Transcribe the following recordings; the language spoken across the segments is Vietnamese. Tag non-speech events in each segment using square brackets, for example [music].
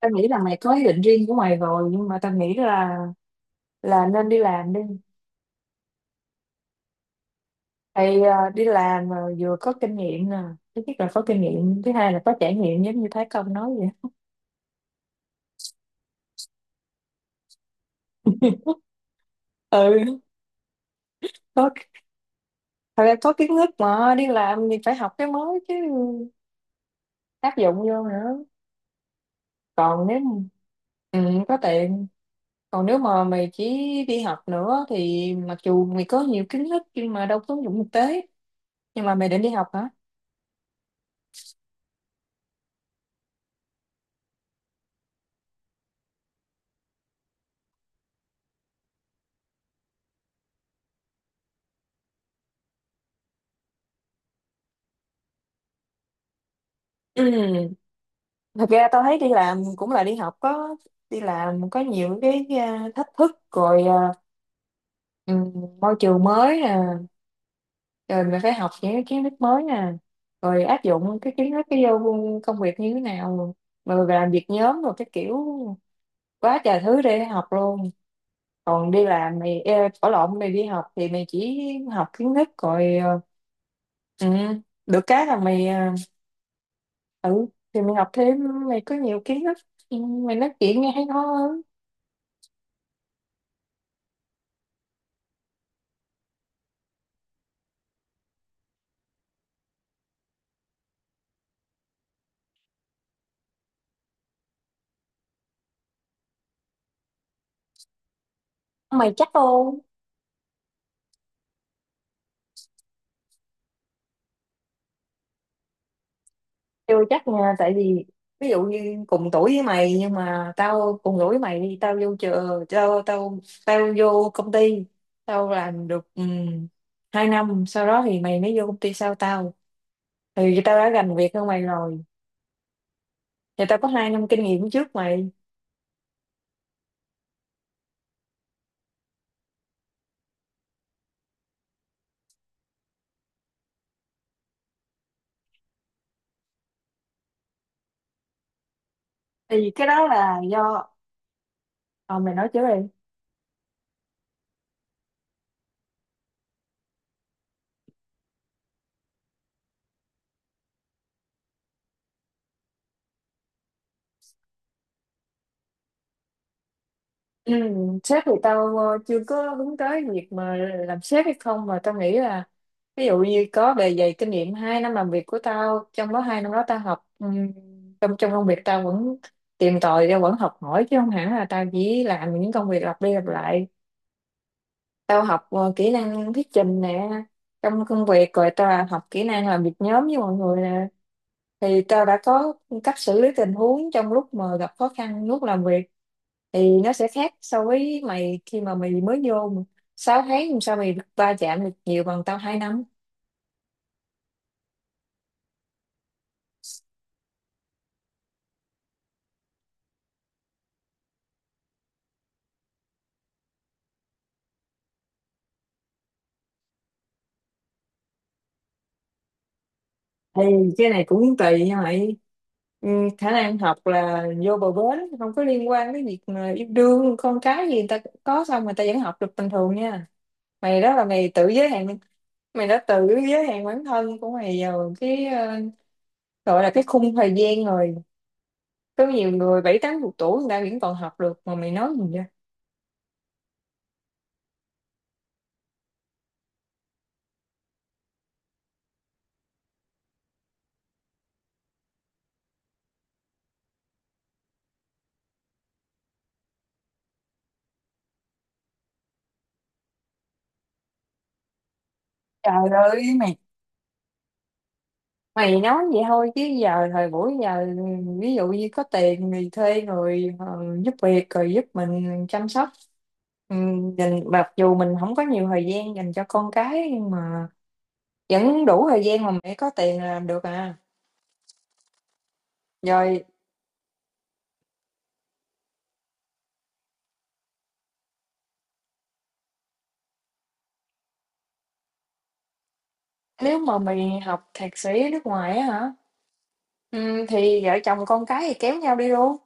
Tao nghĩ là mày có ý định riêng của mày rồi, nhưng mà tao nghĩ là nên đi làm đi. Thì đi làm mà vừa có kinh nghiệm nè. Thứ nhất là có kinh nghiệm, thứ hai là có trải nghiệm giống như Thái Công nói vậy. Ừ. Có. Thật ra có kiến thức mà đi làm thì phải học cái mới chứ, áp dụng vô nữa. Còn nếu mà- ừ, có tiền. Còn nếu mà mày chỉ đi học nữa thì mặc dù mày có nhiều kiến thức nhưng mà đâu có ứng dụng thực tế. Nhưng mà mày định đi học hả? Ừ. Thật ra tao thấy đi làm cũng là đi học. Có đi làm có nhiều cái, à, thách thức rồi, à, ừm, môi trường mới nè, rồi mình phải học những cái kiến thức mới nè, rồi áp dụng cái kiến thức cái vô công việc như thế nào, rồi làm việc nhóm rồi cái kiểu, quá trời thứ để học luôn. Còn đi làm mày, ê, ở lộn, mày đi học thì mày chỉ học kiến thức rồi ừ, được cái là mày ừ, thì mày học thêm mày có nhiều kiến thức. Ừ, mày nói chuyện nghe hay ho hơn. Mày chắc không? Chưa chắc nha, tại vì ví dụ như cùng tuổi với mày, nhưng mà tao cùng tuổi với mày đi, tao vô trường, tao tao tao vô công ty, tao làm được 2 năm, sau đó thì mày mới vô công ty sau tao. Thì tao đã gành việc hơn mày rồi. Thì tao có 2 năm kinh nghiệm trước mày. Thì cái đó là do ờ mày nói trước đi. Ừ, sếp thì tao chưa có hướng tới việc mà làm sếp hay không, mà tao nghĩ là ví dụ như có bề dày kinh nghiệm 2 năm làm việc của tao, trong đó 2 năm đó tao học, trong trong công việc tao vẫn tìm tòi, tao vẫn học hỏi chứ không hẳn là tao chỉ làm những công việc lặp đi lặp lại. Tao học kỹ năng thuyết trình nè, trong công việc, rồi tao là học kỹ năng làm việc nhóm với mọi người nè. Thì tao đã có cách xử lý tình huống trong lúc mà gặp khó khăn lúc làm việc, thì nó sẽ khác so với mày khi mà mày mới vô mà. 6 tháng làm sao mày va chạm được nhiều bằng tao 2 năm. Thì cái này cũng tùy nha mày. Ừ, khả năng học là vô bờ bến, không có liên quan đến việc mà yêu đương con cái gì, người ta có xong người ta vẫn học được bình thường nha. Mày đó là mày tự giới hạn. Mày đã tự giới hạn bản thân của mày vào cái gọi là cái khung thời gian rồi. Có nhiều người bảy tám chục tuổi người ta vẫn còn học được mà, mày nói gì vậy? Trời ơi mày. Mày nói vậy thôi chứ giờ thời buổi giờ, ví dụ như có tiền thì thuê người giúp việc rồi giúp mình chăm sóc. Ừ, mặc dù mình không có nhiều thời gian dành cho con cái nhưng mà vẫn đủ thời gian, mà mày có tiền là làm được à. Rồi. Nếu mà mày học thạc sĩ ở nước ngoài á hả, thì vợ chồng con cái thì kéo nhau đi luôn.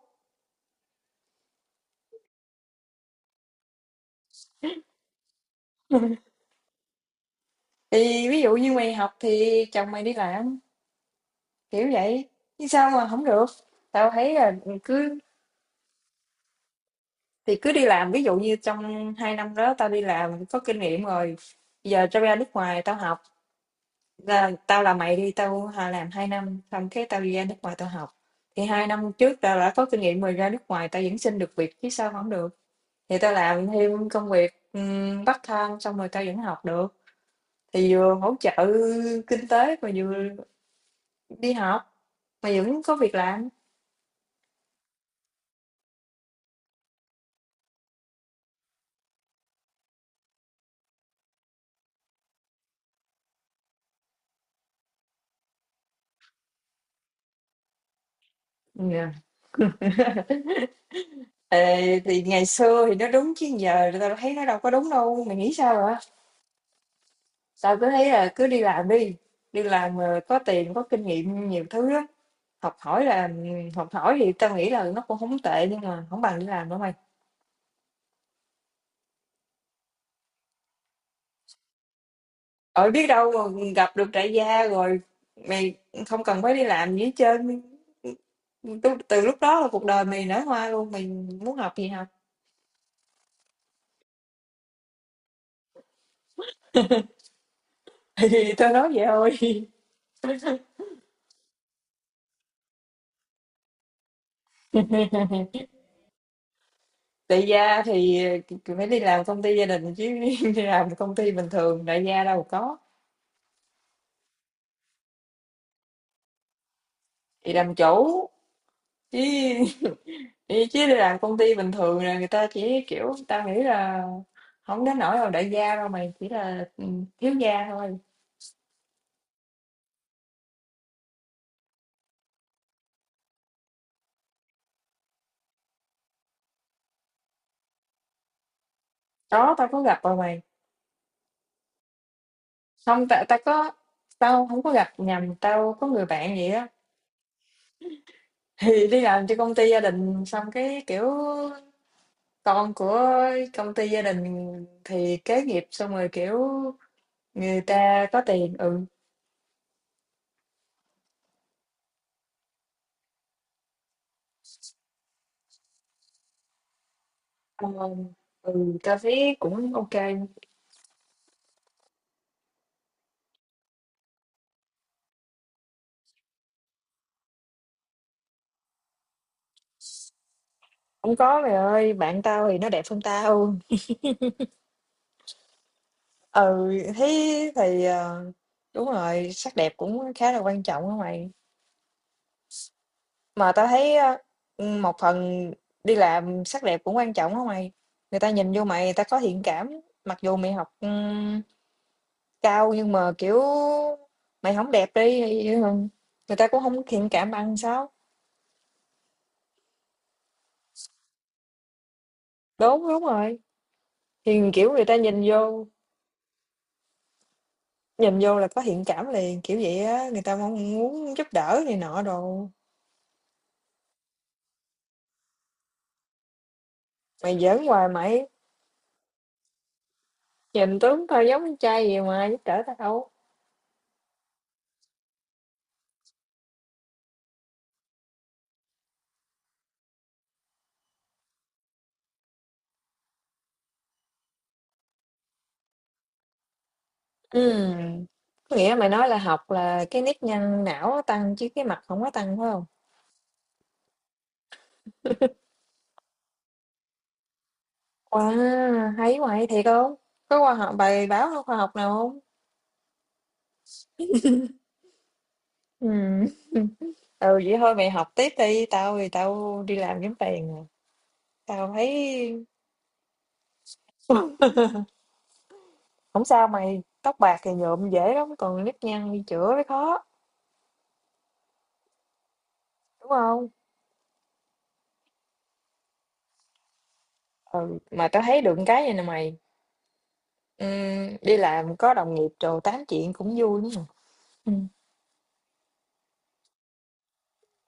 [laughs] Thì ví dụ như mày học thì chồng mày đi làm, kiểu vậy. Chứ sao mà không được? Tao thấy là cứ thì cứ đi làm, ví dụ như trong 2 năm đó tao đi làm có kinh nghiệm rồi. Giờ tao ra nước ngoài tao học, là tao, là mày đi, tao làm 2 năm xong cái tao đi ra nước ngoài tao học. Thì 2 năm trước tao đã có kinh nghiệm rồi, ra nước ngoài tao vẫn xin được việc chứ sao mà không được. Thì tao làm thêm công việc part time xong rồi tao vẫn học được. Thì vừa hỗ trợ kinh tế mà vừa đi học mà vẫn có việc làm. Yeah. [laughs] Ê, thì ngày xưa thì nó đúng chứ giờ tao thấy nó đâu có đúng đâu, mày nghĩ sao hả? Tao cứ thấy là cứ đi làm đi, đi làm mà có tiền có kinh nghiệm nhiều thứ lắm. Học hỏi là học hỏi thì tao nghĩ là nó cũng không tệ nhưng mà không bằng đi làm đâu mày. Ở, biết đâu mà gặp được đại gia rồi mày không cần phải đi làm gì hết trơn. Từ lúc đó là cuộc đời mày nở hoa luôn, mày muốn học gì học. [laughs] Thì tao nói vậy thôi. [laughs] Đại gia thì phải đi làm công ty gia đình chứ, [laughs] đi làm công ty bình thường đại gia đâu có. Thì làm chủ chứ chứ đi làm công ty bình thường là người ta chỉ kiểu, tao nghĩ là không đến nỗi là đại gia đâu mày, chỉ là thiếu gia thôi. Có, tao có gặp rồi mày. Hông, tại tao không có gặp nhầm, tao có người bạn vậy á, thì đi làm cho công ty gia đình xong cái, kiểu, con của công ty gia đình thì kế nghiệp, xong rồi, kiểu, người ta có tiền, ừ, ờ, ừ, tao thấy cũng ok không? Có mày ơi, bạn tao thì nó đẹp hơn tao. Ừ, thấy thì, đúng rồi, sắc đẹp cũng khá là quan trọng á mày. Mà tao thấy á, một phần đi làm sắc đẹp cũng quan trọng đó mày. Người ta nhìn vô mày, người ta có thiện cảm. Mặc dù mày học, cao nhưng mà, kiểu, mày không đẹp đi thì, người ta cũng hông thiện cảm bằng sao? Đúng, đúng rồi, thì, kiểu, người ta nhìn vô, là có thiện cảm liền, kiểu vậy á, người ta mong muốn giúp đỡ này nọ đồ. Mày giỡn hoài mày, nhìn tướng tao giống con trai gì mà giúp đỡ tao. Ừm, có nghĩa mày nói là học là cái nếp nhăn não nó tăng chứ cái mặt không có tăng, phải không? Wow, hay quá, hay thiệt hông? Có khoa học, bài báo khoa học nào hông? Ừm, [laughs] vậy thôi mày học tiếp đi, tao thì tao đi làm kiếm tiền rồi. Tao thấy [laughs] không sao mày, tóc bạc thì nhuộm dễ lắm, còn nếp nhăn đi chữa mới khó, đúng hông? Ừ, mà tao thấy được cái vầy nè mày, đi làm có đồng nghiệp đồ tám chuyện cũng vui lắm à.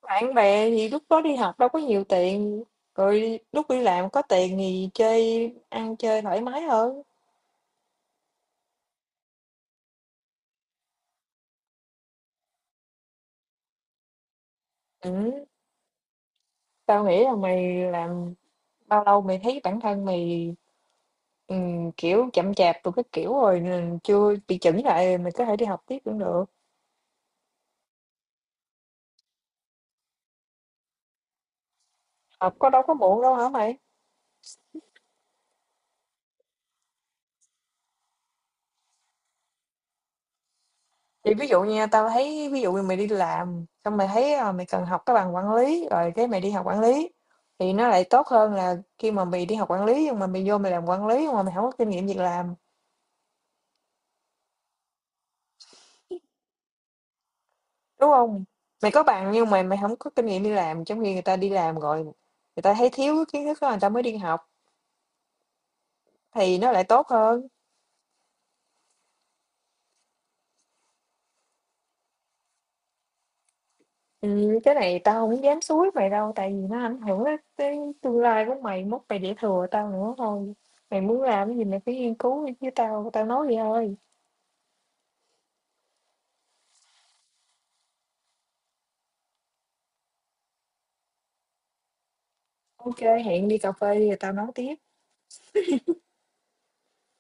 Bạn bè thì lúc đó đi học đâu có nhiều tiền, rồi lúc đi làm có tiền thì chơi ăn chơi thoải mái hơn. Ừ. Tao nghĩ là mày làm bao lâu mày thấy bản thân mày ừ, kiểu chậm chạp rồi cái kiểu rồi nên chưa bị chỉnh lại rồi mày có thể đi học tiếp cũng được. Học có đâu có muộn đâu hả mày. Thì ví dụ nha, tao thấy ví dụ như mày đi làm xong mày thấy, à, mày cần học cái bằng quản lý rồi cái mày đi học quản lý, thì nó lại tốt hơn là khi mà mày đi học quản lý nhưng mà mày vô mày làm quản lý nhưng mà mày không có kinh nghiệm việc làm. Đúng hông? Mày có bằng nhưng mà mày hổng có kinh nghiệm đi làm, trong khi người ta đi làm rồi, người ta thấy thiếu cái kiến thức đó người ta mới đi học, thì nó lại tốt hơn. Cái này tao hổng dám xúi mày đâu, tại vì nó ảnh hưởng đến tới tương lai của mày, mốt mày để thừa tao nữa thôi. Mày muốn làm cái gì mày phải nghiên cứu đi chứ, tao tao nói vậy thôi. Ô kê, hẹn đi cà phê đi rồi tao nói tiếp.